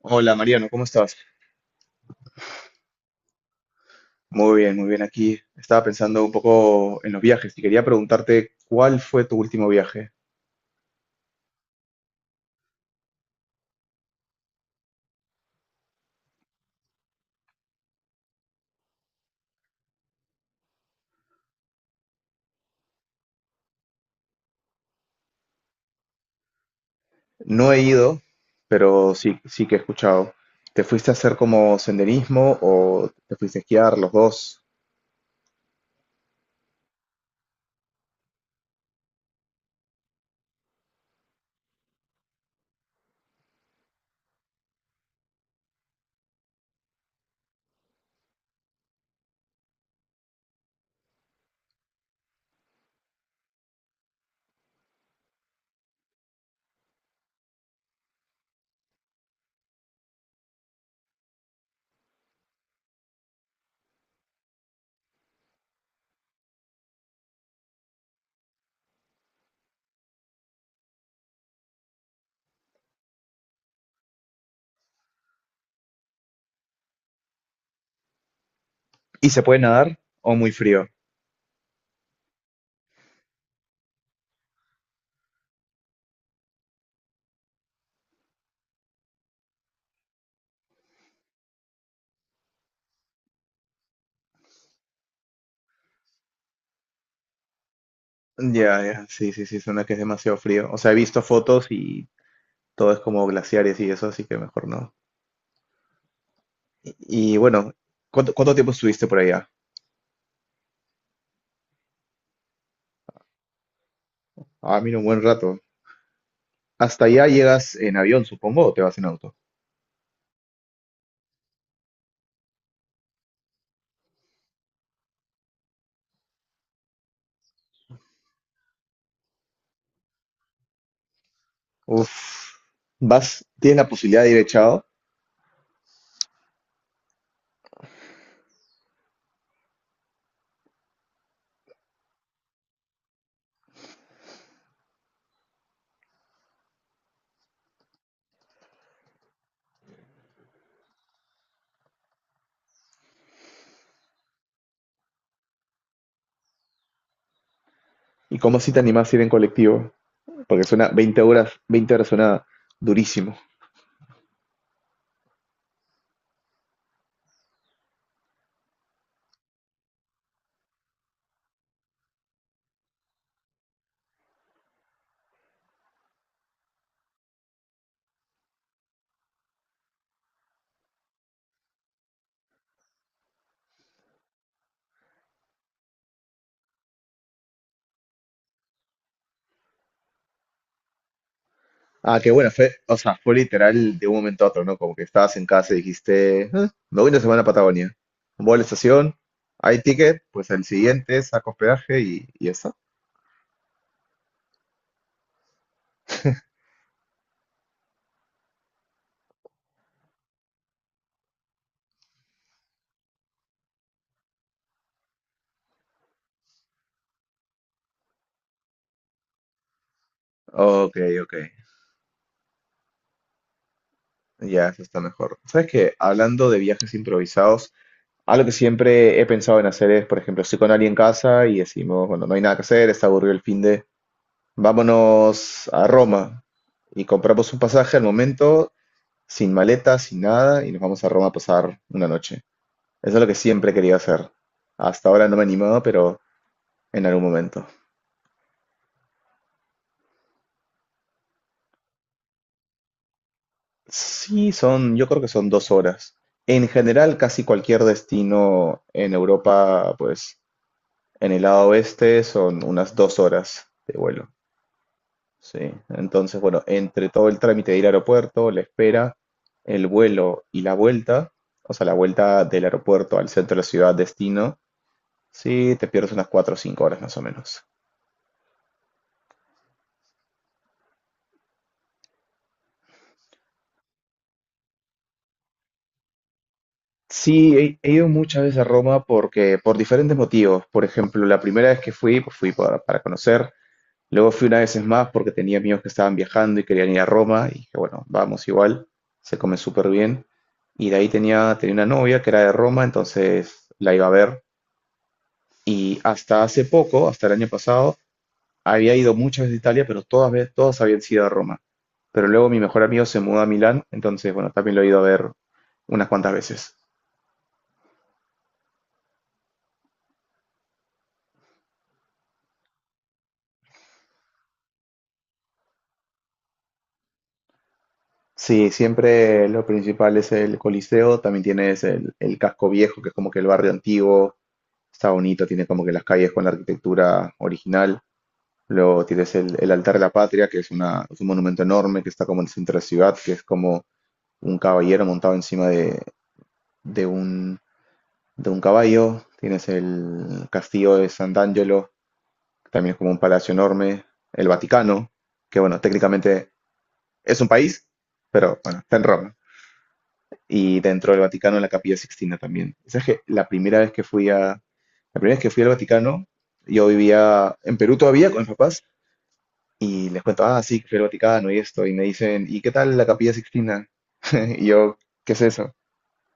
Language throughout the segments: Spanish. Hola Mariano, ¿cómo estás? Muy bien aquí. Estaba pensando un poco en los viajes y quería preguntarte cuál fue tu último viaje. No he ido, pero sí, sí que he escuchado. ¿Te fuiste a hacer como senderismo o te fuiste a esquiar los dos? ¿Y se puede nadar o muy frío? Ya, ya, sí, sí, sí, suena que es demasiado frío. O sea, he visto fotos y todo es como glaciares y eso, así que mejor no. Y bueno, ¿cuánto tiempo estuviste por allá? Ah, mira, un buen rato. Hasta allá llegas en avión, supongo, o te vas en auto. Uf, vas, tienes la posibilidad de ir echado. ¿Y cómo si te animas a ir en colectivo? Porque suena 20 horas, 20 horas suena durísimo. Ah, qué bueno, fue, o sea, fue literal de un momento a otro, ¿no? Como que estabas en casa y dijiste: "Ah, me voy una semana a Patagonia. Voy a la estación, hay ticket, pues al siguiente saco hospedaje y eso". Ok, ok, ya, eso está mejor. ¿Sabes qué? Hablando de viajes improvisados, algo que siempre he pensado en hacer es, por ejemplo, estoy con alguien en casa y decimos, bueno, no hay nada que hacer, está aburrido el fin de. Vámonos a Roma y compramos un pasaje al momento, sin maleta, sin nada, y nos vamos a Roma a pasar una noche. Eso es lo que siempre he querido hacer. Hasta ahora no me he animado, pero en algún momento. Sí, son, yo creo que son 2 horas. En general, casi cualquier destino en Europa, pues en el lado oeste, son unas 2 horas de vuelo. Sí, entonces, bueno, entre todo el trámite de ir al aeropuerto, la espera, el vuelo y la vuelta, o sea, la vuelta del aeropuerto al centro de la ciudad, destino, sí, te pierdes unas 4 o 5 horas más o menos. Sí, he ido muchas veces a Roma porque, por diferentes motivos. Por ejemplo, la primera vez que fui, pues fui para conocer. Luego fui unas veces más porque tenía amigos que estaban viajando y querían ir a Roma. Y dije, bueno, vamos igual, se come súper bien. Y de ahí tenía una novia que era de Roma, entonces la iba a ver. Y hasta hace poco, hasta el año pasado, había ido muchas veces a Italia, pero todas, todas habían sido a Roma. Pero luego mi mejor amigo se mudó a Milán, entonces, bueno, también lo he ido a ver unas cuantas veces. Sí, siempre lo principal es el Coliseo, también tienes el casco viejo, que es como que el barrio antiguo, está bonito, tiene como que las calles con la arquitectura original. Luego tienes el Altar de la Patria, que es un monumento enorme que está como en el centro de la ciudad, que es como un caballero montado encima de un de un caballo, tienes el castillo de Sant'Angelo, que también es como un palacio enorme, el Vaticano, que bueno, técnicamente es un país, pero bueno, está en Roma. Y dentro del Vaticano la Capilla Sixtina también. ¿Sabes que la primera vez que fui al Vaticano, yo vivía en Perú todavía con mis papás y les cuento, ah, sí, que fui al Vaticano y esto, y me dicen, ¿y qué tal la Capilla Sixtina? Y yo, ¿qué es eso?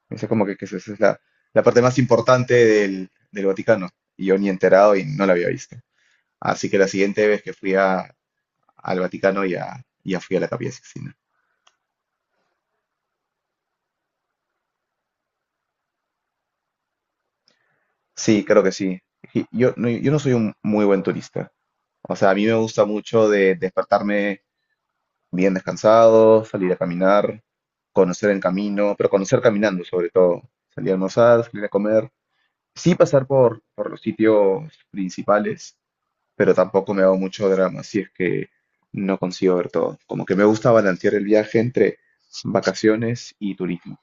Eso es como que esa es la parte más importante del Vaticano. Y yo ni enterado y no la había visto. Así que la siguiente vez que fui al Vaticano ya, ya fui a la Capilla Sixtina. Sí, creo que sí. Y yo no soy un muy buen turista. O sea, a mí me gusta mucho de despertarme bien descansado, salir a caminar, conocer el camino, pero conocer caminando sobre todo. Salir a almorzar, salir a comer. Sí, pasar por los sitios principales, pero tampoco me hago mucho drama si es que no consigo ver todo. Como que me gusta balancear el viaje entre vacaciones y turismo.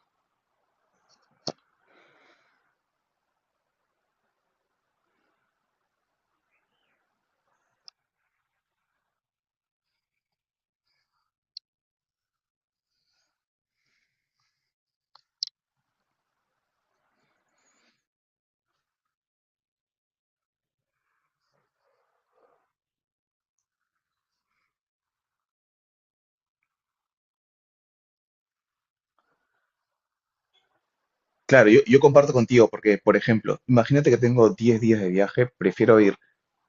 Claro, yo comparto contigo porque, por ejemplo, imagínate que tengo 10 días de viaje, prefiero ir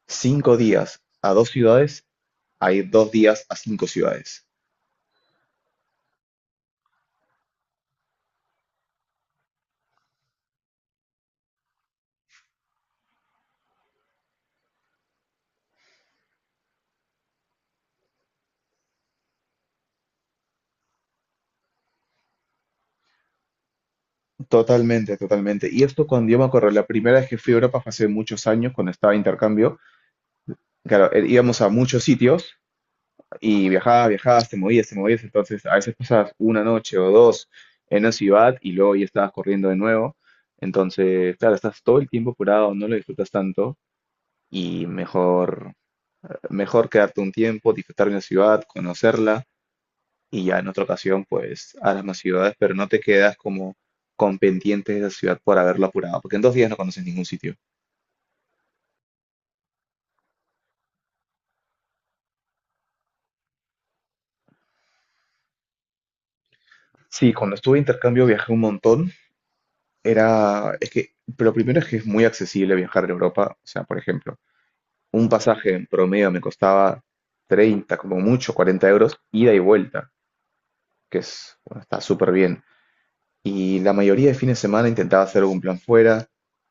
5 días a dos ciudades a ir 2 días a 5 ciudades. Totalmente, totalmente. Y esto cuando yo me acuerdo, la primera vez que fui a Europa fue hace muchos años, cuando estaba de intercambio, claro, íbamos a muchos sitios y viajabas, viajabas, te movías, entonces a veces pasabas una noche o dos en una ciudad y luego ya estabas corriendo de nuevo, entonces, claro, estás todo el tiempo apurado, no lo disfrutas tanto y mejor, mejor quedarte un tiempo, disfrutar de una ciudad, conocerla y ya en otra ocasión pues a las más ciudades, pero no te quedas como con pendientes de esa ciudad por haberlo apurado, porque en 2 días no conoces ningún sitio. Sí, cuando estuve de intercambio viajé un montón, era, es que, pero primero es que es muy accesible viajar en Europa, o sea, por ejemplo, un pasaje en promedio me costaba 30, como mucho, 40 euros, ida y vuelta, que es, bueno, está súper bien. Y la mayoría de fines de semana intentaba hacer algún plan fuera,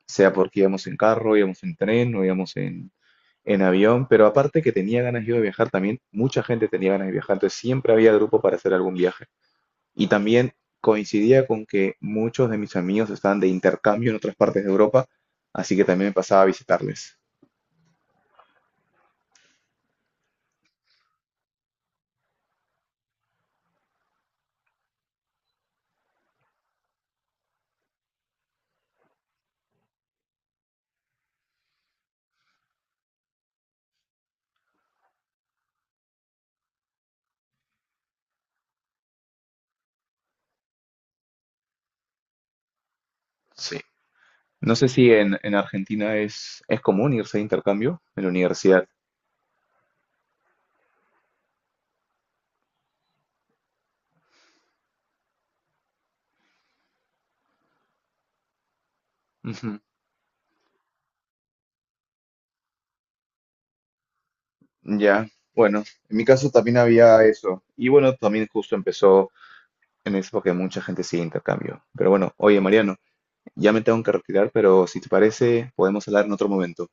sea porque íbamos en carro, íbamos en tren o íbamos en avión, pero aparte que tenía ganas yo de viajar también, mucha gente tenía ganas de viajar, entonces siempre había grupo para hacer algún viaje. Y también coincidía con que muchos de mis amigos estaban de intercambio en otras partes de Europa, así que también me pasaba a visitarles. Sí. No sé si en Argentina es común irse de intercambio en la universidad. Ujú. Ya, bueno, en mi caso también había eso. Y bueno, también justo empezó en eso porque mucha gente sigue intercambio. Pero bueno, oye Mariano, ya me tengo que retirar, pero si te parece, podemos hablar en otro momento.